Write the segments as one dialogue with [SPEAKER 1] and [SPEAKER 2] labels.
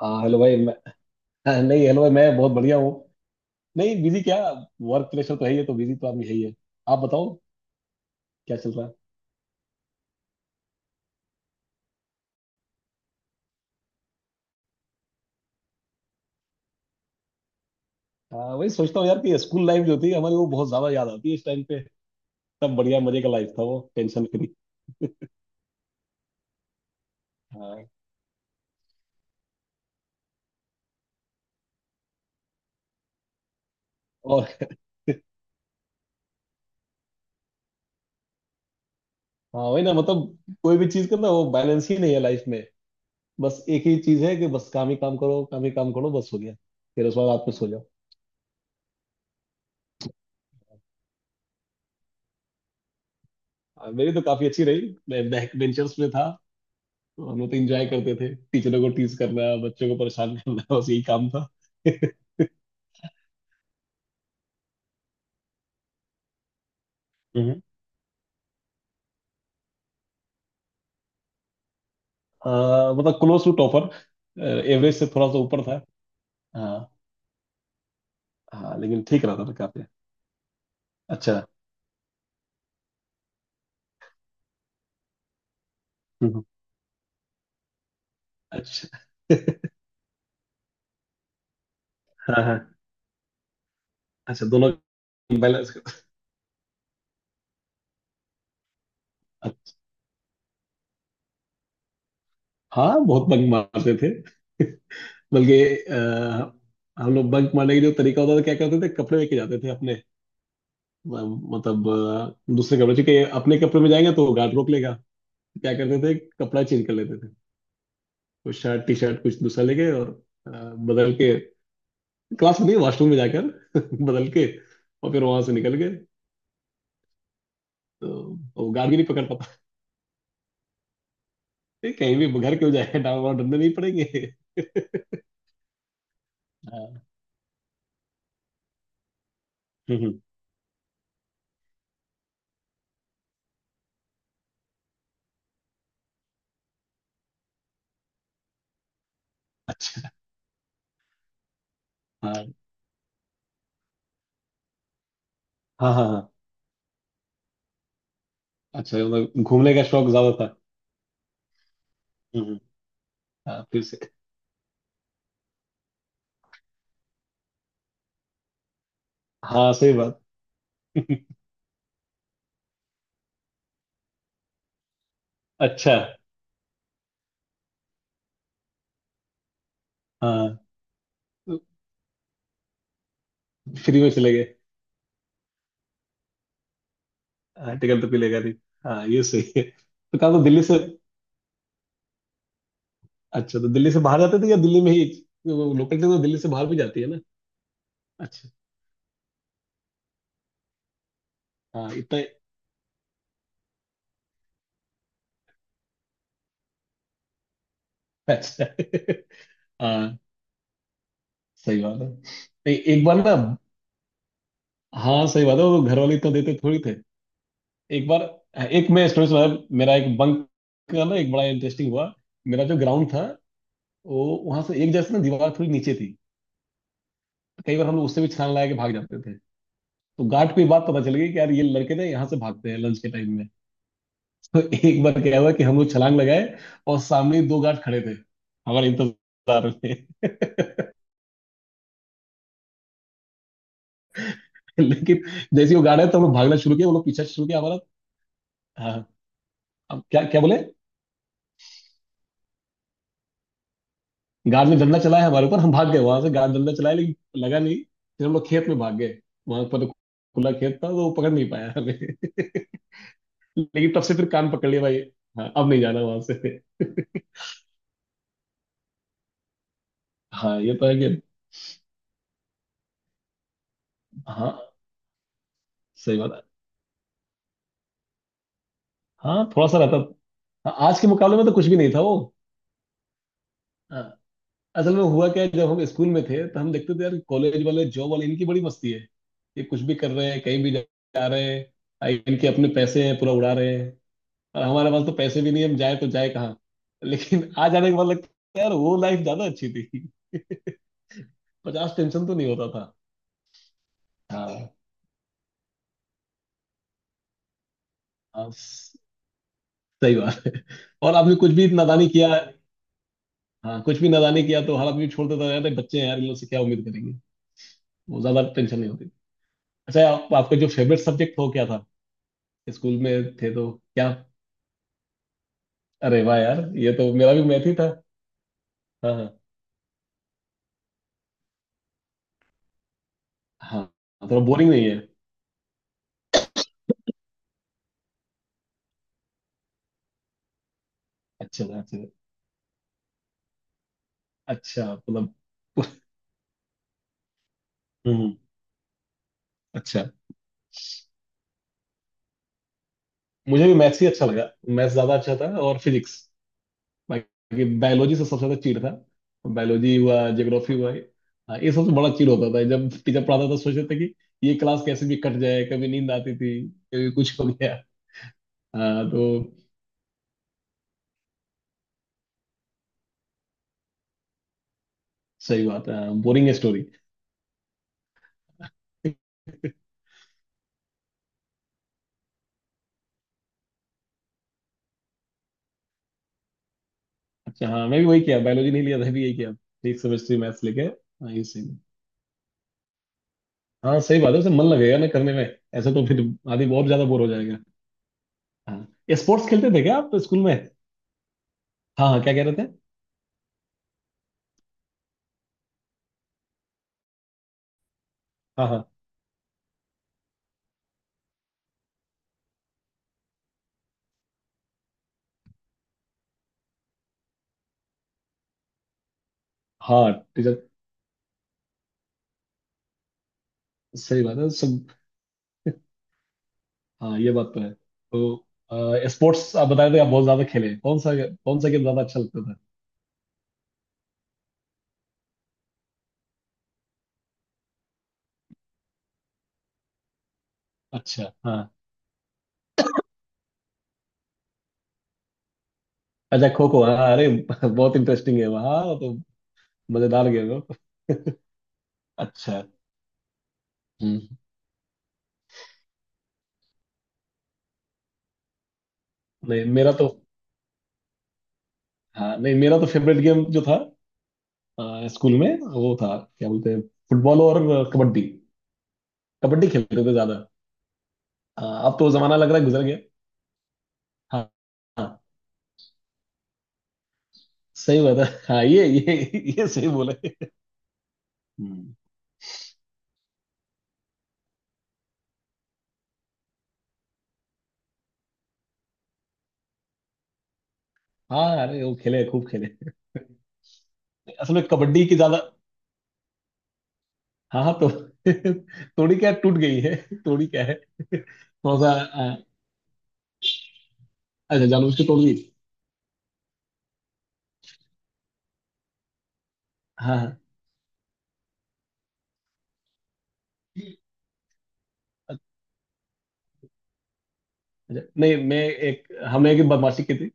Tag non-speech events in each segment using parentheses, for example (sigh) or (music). [SPEAKER 1] हाँ, हेलो भाई, मैं नहीं, हेलो भाई, मैं बहुत बढ़िया हूँ। नहीं, बिजी क्या? वर्क प्रेशर तो है ही है, तो बिजी तो आदमी है ही है। आप बताओ, क्या चल रहा है? हाँ, वही सोचता हूँ यार कि स्कूल लाइफ जो थी हमारी वो बहुत ज्यादा याद आती है इस टाइम पे। तब बढ़िया मजे का लाइफ था, वो टेंशन फ्री। हाँ। और। हाँ, वही ना, मतलब कोई भी चीज का ना वो बैलेंस ही नहीं है लाइफ में। बस एक ही चीज है कि बस काम ही काम करो, काम ही काम करो, बस हो गया। फिर उस बाद रात में सो जाओ। हाँ, मेरी तो काफी अच्छी रही, मैं बैक बेंचर्स में था। तो हम लोग तो इंजॉय करते थे, टीचरों को टीज करना, बच्चों को परेशान करना (laughs) बस यही काम था। (laughs) हम्म। मतलब क्लोज टू टॉपर। एवरेज से थोड़ा सा ऊपर था। हाँ। हाँ, लेकिन ठीक रहा था मैं काफी। अच्छा। हम्म, अच्छा। (laughs) हाँ, हाँ। अच्छा, दोनों बैलेंस। हाँ, बहुत बंक मारते थे। बल्कि अह, हम लोग बंक मारने के जो तरीका होता था, क्या करते थे कपड़े लेके जाते थे अपने। मतलब दूसरे कपड़े, क्योंकि अपने कपड़े में जाएंगे तो गार्ड रोक लेगा। क्या करते थे, कपड़ा चेंज कर लेते थे। कुछ शर्ट टी शर्ट कुछ दूसरा ले गए, और बदल के। क्लास में नहीं, वॉशरूम में जाकर (laughs) बदल के। और फिर वहां से निकल गए। तो वो गार्ड भी नहीं पकड़ पाता। ये कहीं भी घर क्यों जाए, (laughs) डांव वाव ढूंढने नहीं पड़ेंगे। हाँ। हम्म। अच्छा। हाँ, हाँ, हाँ। हाँ, अच्छा, मतलब घूमने का शौक ज्यादा था। हम्म, हम्म। हाँ, फिर से। हाँ, सही बात। अच्छा। हाँ। तो फ्री में चले गए। हाँ, टिकट तो पिलेगा नहीं। हाँ, ये सही है। तो कहा तो दिल्ली से। अच्छा, तो दिल्ली से बाहर जाते थे या दिल्ली में ही? लोकल ट्रेन तो दिल्ली से बाहर भी जाती है ना। अच्छा। हाँ, इतना। अच्छा है। हाँ। सही बात है। नहीं, एक बार ना। हाँ, सही बात है, वो घर वाले इतना देते थोड़ी थे। एक बार, एक मैं स्टोरी सुना। मेरा एक बंक का ना एक बड़ा इंटरेस्टिंग हुआ। मेरा जो ग्राउंड था, वो वहां से एक जैसे ना, दीवार थोड़ी नीचे थी। कई बार हम लोग उससे भी छलांग लगा के भाग जाते थे। तो गार्ड को ये बात पता चल गई कि यार ये लड़के ना यहाँ से भागते हैं लंच के टाइम में। तो एक बार क्या हुआ कि हम लोग छलांग लगाए, और सामने ही दो गार्ड खड़े थे हमारे इंतजार में। (laughs) लेकिन जैसे ही वो गार्ड आए तो हम लोग भागना शुरू किया, वो लोग पीछा शुरू किया हमारा। हाँ। अब क्या क्या बोले। गार्ड ने डंडा चलाया हमारे ऊपर, हम भाग गए वहां से, गार्ड डंडा चलाया लेकिन लगा नहीं। फिर हम लोग खेत में भाग गए। वहां पर तो खुला खेत था, तो वो पकड़ नहीं पाया हमें। (laughs) लेकिन तब से फिर कान पकड़ लिया भाई, हाँ, अब नहीं जाना वहां से। (laughs) हाँ, ये तो है कि। हाँ, सही बात है। हाँ, थोड़ा सा रहता। हाँ, आज के मुकाबले में तो कुछ भी नहीं था वो। हाँ। असल में हुआ क्या है, जब हम स्कूल में थे, तो हम देखते थे यार कॉलेज वाले जॉब वाले इनकी बड़ी मस्ती है। ये कुछ भी कर रहे हैं, कहीं भी जा जा रहे हैं। इनके अपने पैसे हैं, पूरा उड़ा रहे हैं। और हमारे पास तो पैसे भी नहीं, हम जाए तो जाए कहाँ? लेकिन (laughs) आ जाने के बाद लगता है यार वो लाइफ ज्यादा अच्छी थी। (laughs) 50 टेंशन तो नहीं होता था। हाँ। हाँ, सही बात है। और आपने कुछ भी नादानी किया, हाँ, कुछ भी नादानी किया तो हर आदमी छोड़ देता था, यार ये बच्चे हैं यार, इन लोग से क्या उम्मीद करेंगे। वो ज्यादा टेंशन नहीं होती। अच्छा, आपका जो फेवरेट सब्जेक्ट हो क्या था? स्कूल में थे तो क्या? अरे वाह यार, ये तो मेरा भी मैथ ही था। हाँ, हाँ, हाँ। थोड़ा बोरिंग नहीं है? अच्छा था, अच्छा था। अच्छा, मतलब। हम्म। अच्छा। मुझे भी मैथ्स ही अच्छा लगा। मैथ्स ज्यादा अच्छा था, और फिजिक्स। बाकी बायोलॉजी से सबसे ज्यादा चीड़ था। बायोलॉजी हुआ, ज्योग्राफी हुआ, हाँ, ये सबसे बड़ा चीड़ होता था, जब टीचर पढ़ाता था सोचते थे कि ये क्लास कैसे भी कट जाए, कभी नींद आती थी, कभी कुछ हो गया। हाँ, तो सही बात है। हाँ, बोरिंग है स्टोरी। अच्छा, हाँ, मैं भी वही किया, बायोलॉजी नहीं लिया, था भी यही किया। एक सेमेस्ट्री मैथ्स लेके, हाँ, ये सही है। हाँ, सही बात है, उसे मन लगेगा ना करने में। ऐसे तो फिर आदमी बहुत ज्यादा बोर हो जाएगा। हाँ, ये स्पोर्ट्स खेलते थे क्या आप स्कूल में? हाँ, हाँ, क्या कह रहे थे? हाँ, हाँ, हाँ, टीचर। सही बात है सब। हाँ, ये बात तो है, तो स्पोर्ट्स आप बताए थे, आप बहुत ज्यादा खेले कौन सा? कौन सा गेम ज्यादा अच्छा लगता था? अच्छा, हाँ। अच्छा, खो खो, हाँ, अरे (laughs) बहुत इंटरेस्टिंग है वहाँ तो। मजेदार गेम है। अच्छा। हम्म। नहीं, मेरा तो। हाँ, नहीं, मेरा तो फेवरेट गेम जो था स्कूल में, वो था क्या बोलते हैं, फुटबॉल और कबड्डी। कबड्डी खेलते थे ज्यादा। अब तो वो जमाना लग रहा है गुजर गया। हाँ। हाँ, सही बात है, हाँ। ये सही बोले। हम्म। हाँ, अरे वो खेले, खूब खेले। असल में कबड्डी की ज्यादा। हाँ, हाँ, तो (laughs) तोड़ी क्या, टूट गई है। तोड़ी क्या है, (laughs) थोड़ा सा। अच्छा, जानबूझ के तोड़ दी। हाँ, हाँ। अच्छा, नहीं, मैं एक हमने एक बदमाशी की थी।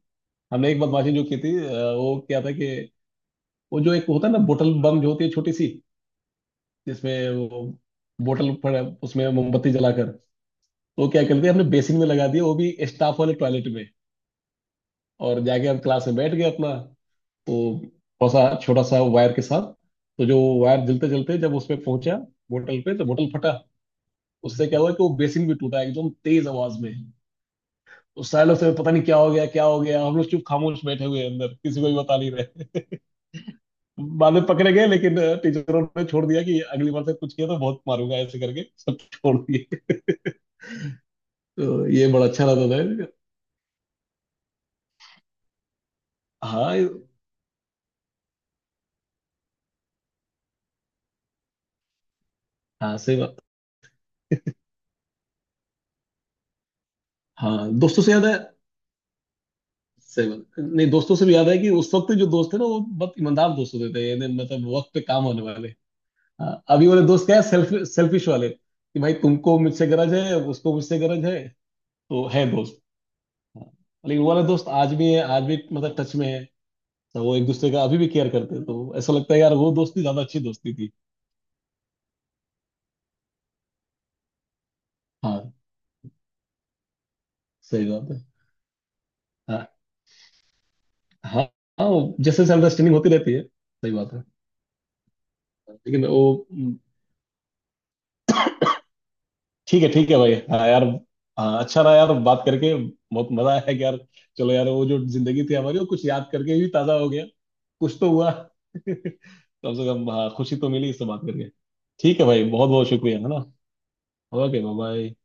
[SPEAKER 1] हमने एक बदमाशी जो की थी, वो क्या था कि वो जो एक होता है ना, बोतल बम जो होती है छोटी सी, जिसमें वो बोतल पड़ा, उसमें मोमबत्ती जलाकर, तो वो क्या करते हैं, हमने बेसिन में लगा दिया वो भी, स्टाफ वाले टॉयलेट में। और जाके हम क्लास में बैठ गए अपना। वो थोड़ा सा, छोटा सा वायर के साथ। तो जो वायर जलते जलते जब उस पे पहुंचा, बोतल पे, तो बोतल फटा। उससे क्या हुआ कि वो बेसिन भी टूटा, एकदम तेज आवाज में। उस सालों से पता नहीं क्या हो गया, क्या हो गया, हम लोग चुप खामोश बैठे हुए हैं अंदर, किसी को भी बता नहीं रहे। बाद में पकड़े गए लेकिन टीचरों ने छोड़ दिया कि अगली बार से कुछ किया तो बहुत मारूंगा, ऐसे करके सब छोड़ दिए। (laughs) तो ये बड़ा अच्छा रहता था। हाँ, हाँ, सही बात। हाँ, दोस्तों से याद है। सही बात, नहीं, दोस्तों से भी याद है कि उस वक्त जो दोस्त थे ना वो बहुत ईमानदार दोस्त होते थे, यानी मतलब वक्त पे काम होने वाले। हाँ, अभी वाले दोस्त क्या है, सेल्फिश वाले, कि भाई तुमको मुझसे गरज है, उसको मुझसे गरज है। तो है दोस्त। हाँ, लेकिन वो वाला दोस्त आज भी है, आज भी मतलब टच में है। तो वो एक दूसरे का अभी भी केयर करते हैं, तो ऐसा लगता है यार वो दोस्ती ज्यादा अच्छी दोस्ती थी। हाँ, सही बात है। हाँ। हाँ, हाँ, वो जैसे अंडरस्टैंडिंग होती रहती है, सही बात है। लेकिन वो, हम्म। ठीक है, ठीक है भाई, हाँ यार। हाँ, अच्छा रहा यार बात करके, बहुत मजा आया कि यार। चलो यार, वो जो जिंदगी थी हमारी वो कुछ याद करके भी ताजा हो गया। कुछ तो हुआ (laughs) कम से कम, हाँ, खुशी तो मिली इससे बात करके। ठीक है भाई, बहुत बहुत शुक्रिया, है ना? Okay, bye bye.